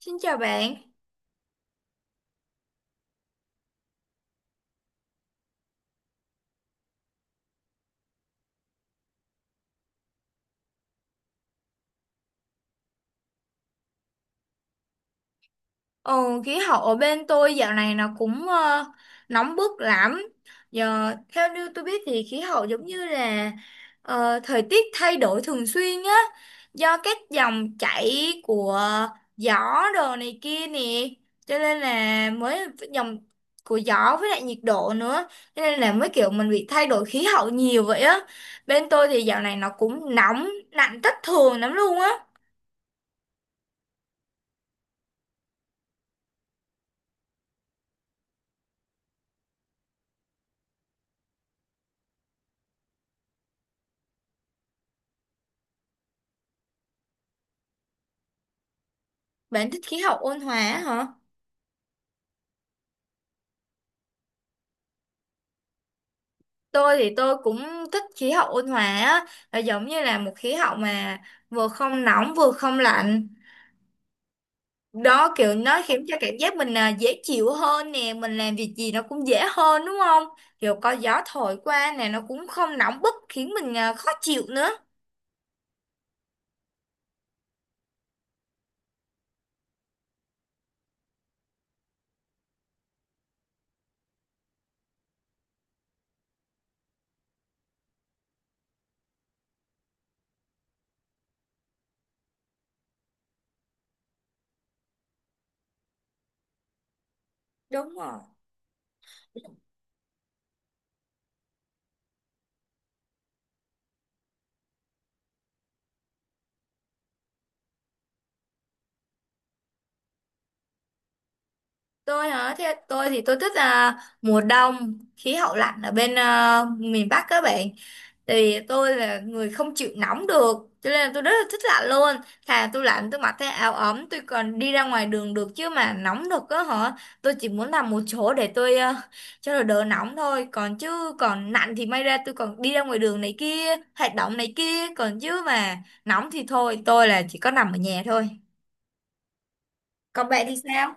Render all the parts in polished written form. Xin chào bạn. Ồ, khí hậu ở bên tôi dạo này nó cũng nóng bức lắm. Giờ theo như tôi biết thì khí hậu giống như là thời tiết thay đổi thường xuyên á, do các dòng chảy của gió đồ này kia nè, cho nên là mới dòng của gió với lại nhiệt độ nữa, cho nên là mới kiểu mình bị thay đổi khí hậu nhiều vậy á. Bên tôi thì dạo này nó cũng nóng, lạnh thất thường lắm luôn á. Bạn thích khí hậu ôn hòa á hả? Tôi thì tôi cũng thích khí hậu ôn hòa á, là giống như là một khí hậu mà vừa không nóng vừa không lạnh. Đó kiểu nó khiến cho cảm giác mình dễ chịu hơn nè, mình làm việc gì nó cũng dễ hơn đúng không? Kiểu có gió thổi qua nè nó cũng không nóng bức khiến mình khó chịu nữa. Đúng rồi. Tôi hả? Theo tôi thì tôi thích mùa đông, khí hậu lạnh ở bên miền Bắc các bạn. Thì tôi là người không chịu nóng được, cho nên là tôi rất là thích lạnh luôn. Thà tôi lạnh tôi mặc cái áo ấm tôi còn đi ra ngoài đường được, chứ mà nóng được á hả, tôi chỉ muốn nằm một chỗ để tôi cho nó đỡ nóng thôi. Còn chứ còn lạnh thì may ra tôi còn đi ra ngoài đường này kia, hoạt động này kia, còn chứ mà nóng thì thôi, tôi là chỉ có nằm ở nhà thôi. Còn bạn thì sao?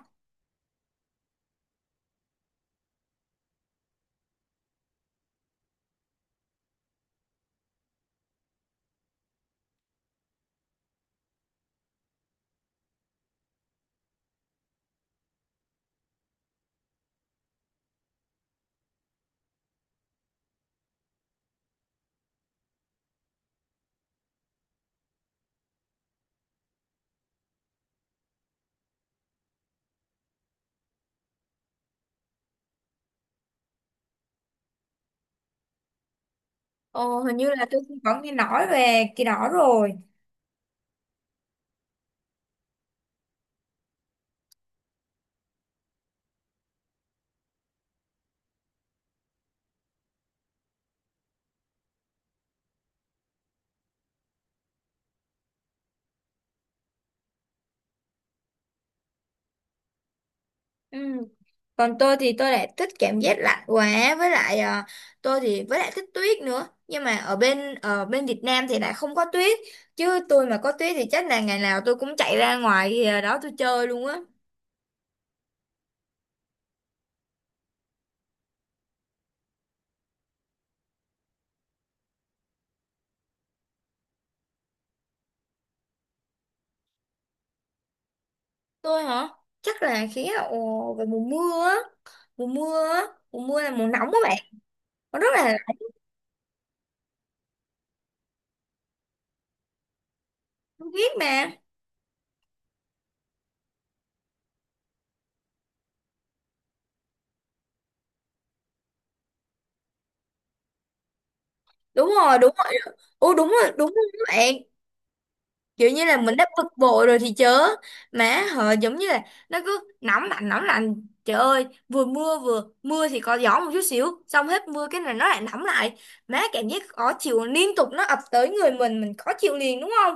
Ồ, hình như là tôi cũng có nghe nói về cái đó rồi. Ừ, còn tôi thì tôi lại thích cảm giác lạnh quá, với lại tôi thì với lại thích tuyết nữa, nhưng mà ở bên Việt Nam thì lại không có tuyết, chứ tôi mà có tuyết thì chắc là ngày nào tôi cũng chạy ra ngoài đó tôi chơi luôn á. Tôi hả? Chắc là khí hậu về mùa mưa á mùa mưa là mùa nóng các bạn, nó rất là lạnh. Tôi biết mà. Đúng rồi, đúng rồi. Ừ, đúng rồi, đúng rồi các bạn. Kiểu như là mình đã bực bội rồi thì chớ, mà họ giống như là nó cứ nóng lạnh nóng lạnh, trời ơi, vừa mưa thì có gió một chút xíu, xong hết mưa cái này nó lại nóng lại, má cảm giác khó chịu liên tục nó ập tới người mình khó chịu liền đúng không?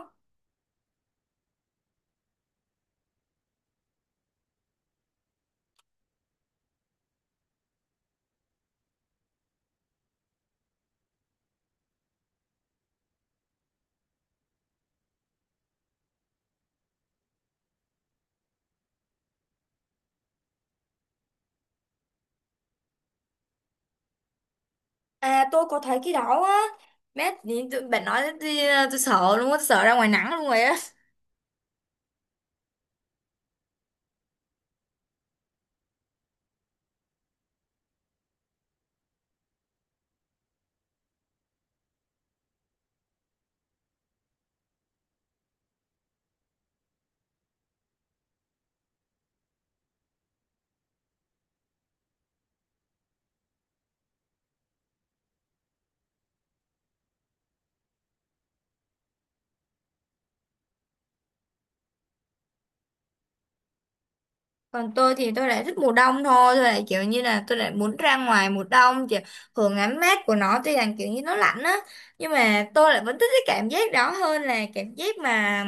À, tôi có thấy cái đó á. Má tự nhiên bạn nói thì tôi sợ luôn á, tôi sợ ra ngoài nắng luôn rồi á. Còn tôi thì tôi lại thích mùa đông thôi, tôi lại kiểu như là tôi lại muốn ra ngoài mùa đông, kiểu hưởng ánh mát của nó, tuy rằng kiểu như nó lạnh á, nhưng mà tôi lại vẫn thích cái cảm giác đó hơn là cảm giác mà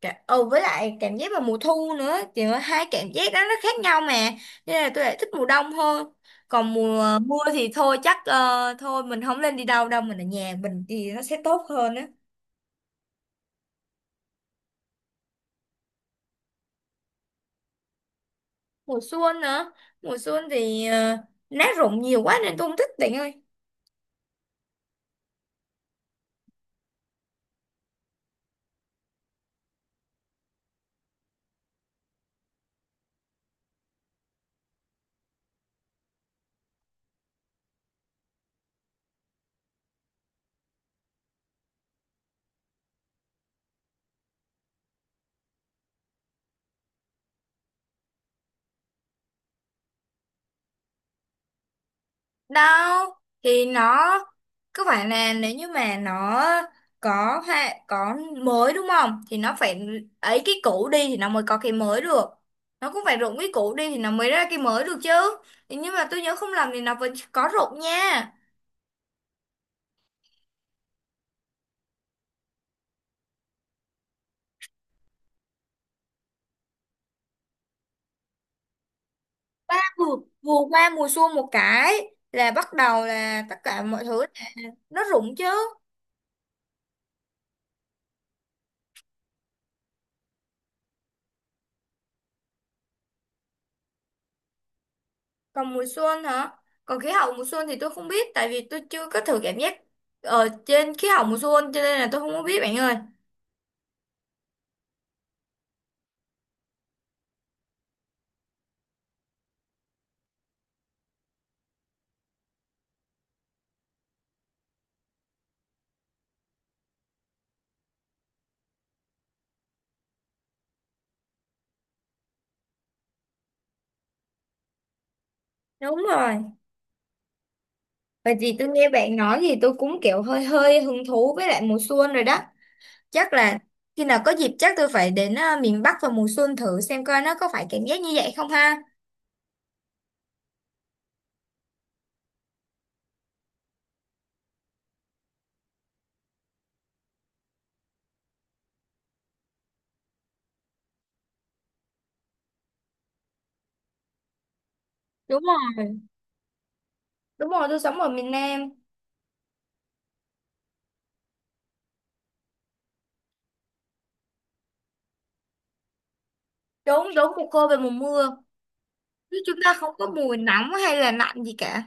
với lại cảm giác vào mùa thu nữa, kiểu hai cảm giác đó nó khác nhau mà, nên là tôi lại thích mùa đông hơn. Còn mùa mưa thì thôi, chắc thôi mình không lên đi đâu đâu, mình ở nhà mình thì nó sẽ tốt hơn á. Mùa xuân nữa. Mùa xuân thì lá rụng nhiều quá nên tôi không thích bạn ơi. Đâu, thì nó cứ phải là nếu như mà nó có ha, có mới đúng không, thì nó phải ấy cái cũ đi thì nó mới có cái mới được, nó cũng phải rụng cái cũ đi thì nó mới ra cái mới được chứ. Thì nhưng mà tôi nhớ không lầm thì nó vẫn có rụng nha. Ba vừa, vừa qua mùa xuân một cái là bắt đầu là tất cả mọi thứ nó rụng chứ. Còn mùa xuân hả? Còn khí hậu mùa xuân thì tôi không biết, tại vì tôi chưa có thử cảm giác ở trên khí hậu mùa xuân, cho nên là tôi không có biết bạn ơi. Đúng rồi, bởi vì tôi nghe bạn nói thì tôi cũng kiểu hơi hơi hứng thú với lại mùa xuân rồi đó. Chắc là khi nào có dịp chắc tôi phải đến miền Bắc vào mùa xuân thử xem coi nó có phải cảm giác như vậy không ha. Đúng rồi, đúng rồi, tôi sống ở miền Nam. Đúng, đúng, mùa khô về mùa mưa. Chứ chúng ta không có mùi nóng hay là lạnh gì cả.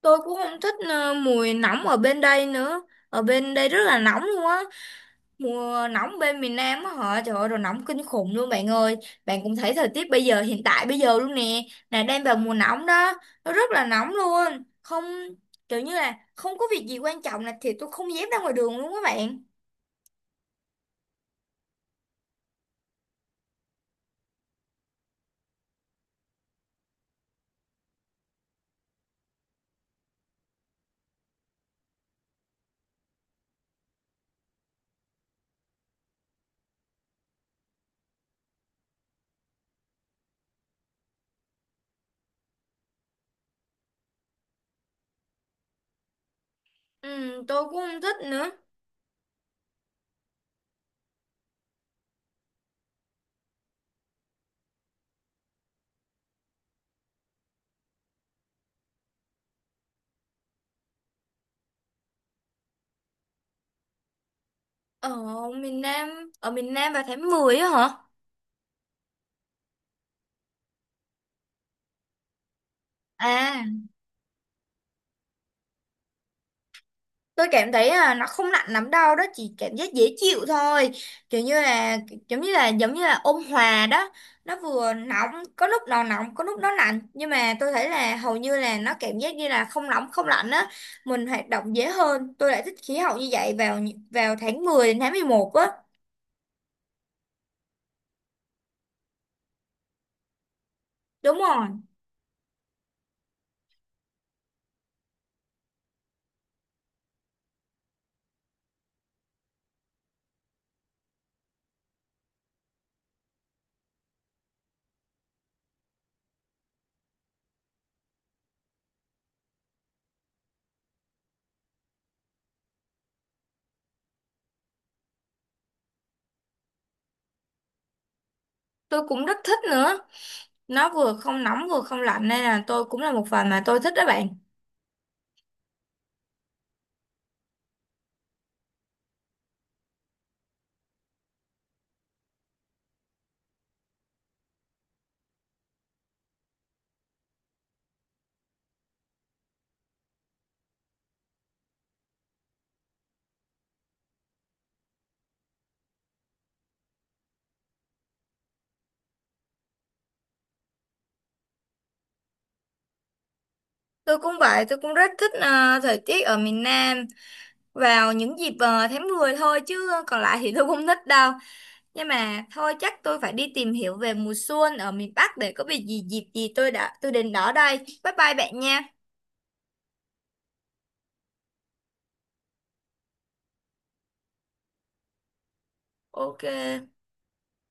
Tôi cũng không thích mùi nóng ở bên đây nữa. Ở bên đây rất là nóng luôn á. Mùa nóng bên miền Nam á hả? Trời ơi, rồi nóng kinh khủng luôn bạn ơi. Bạn cũng thấy thời tiết bây giờ, hiện tại bây giờ luôn nè. Là đang vào mùa nóng đó. Nó rất là nóng luôn. Không, kiểu như là không có việc gì quan trọng là thì tôi không dám ra ngoài đường luôn các bạn. Ừ, tôi cũng không thích nữa. Ở ở miền Nam vào tháng 10 á hả? À, tôi cảm thấy là nó không nặng lắm đâu, đó chỉ cảm giác dễ chịu thôi, kiểu như là giống như là ôn hòa đó. Nó vừa nóng, có lúc nó nóng có lúc nó lạnh, nhưng mà tôi thấy là hầu như là nó cảm giác như là không nóng không lạnh á, mình hoạt động dễ hơn. Tôi lại thích khí hậu như vậy vào vào tháng 10 đến tháng 11 á. Đúng rồi. Tôi cũng rất thích nữa, nó vừa không nóng vừa không lạnh nên là tôi cũng là một phần mà tôi thích đó bạn. Tôi cũng vậy, tôi cũng rất thích thời tiết ở miền Nam vào những dịp tháng 10 thôi, chứ còn lại thì tôi không thích đâu. Nhưng mà thôi chắc tôi phải đi tìm hiểu về mùa xuân ở miền Bắc, để có việc gì dịp gì tôi đã tôi đến đó đây. Bye bye bạn nha. Ok.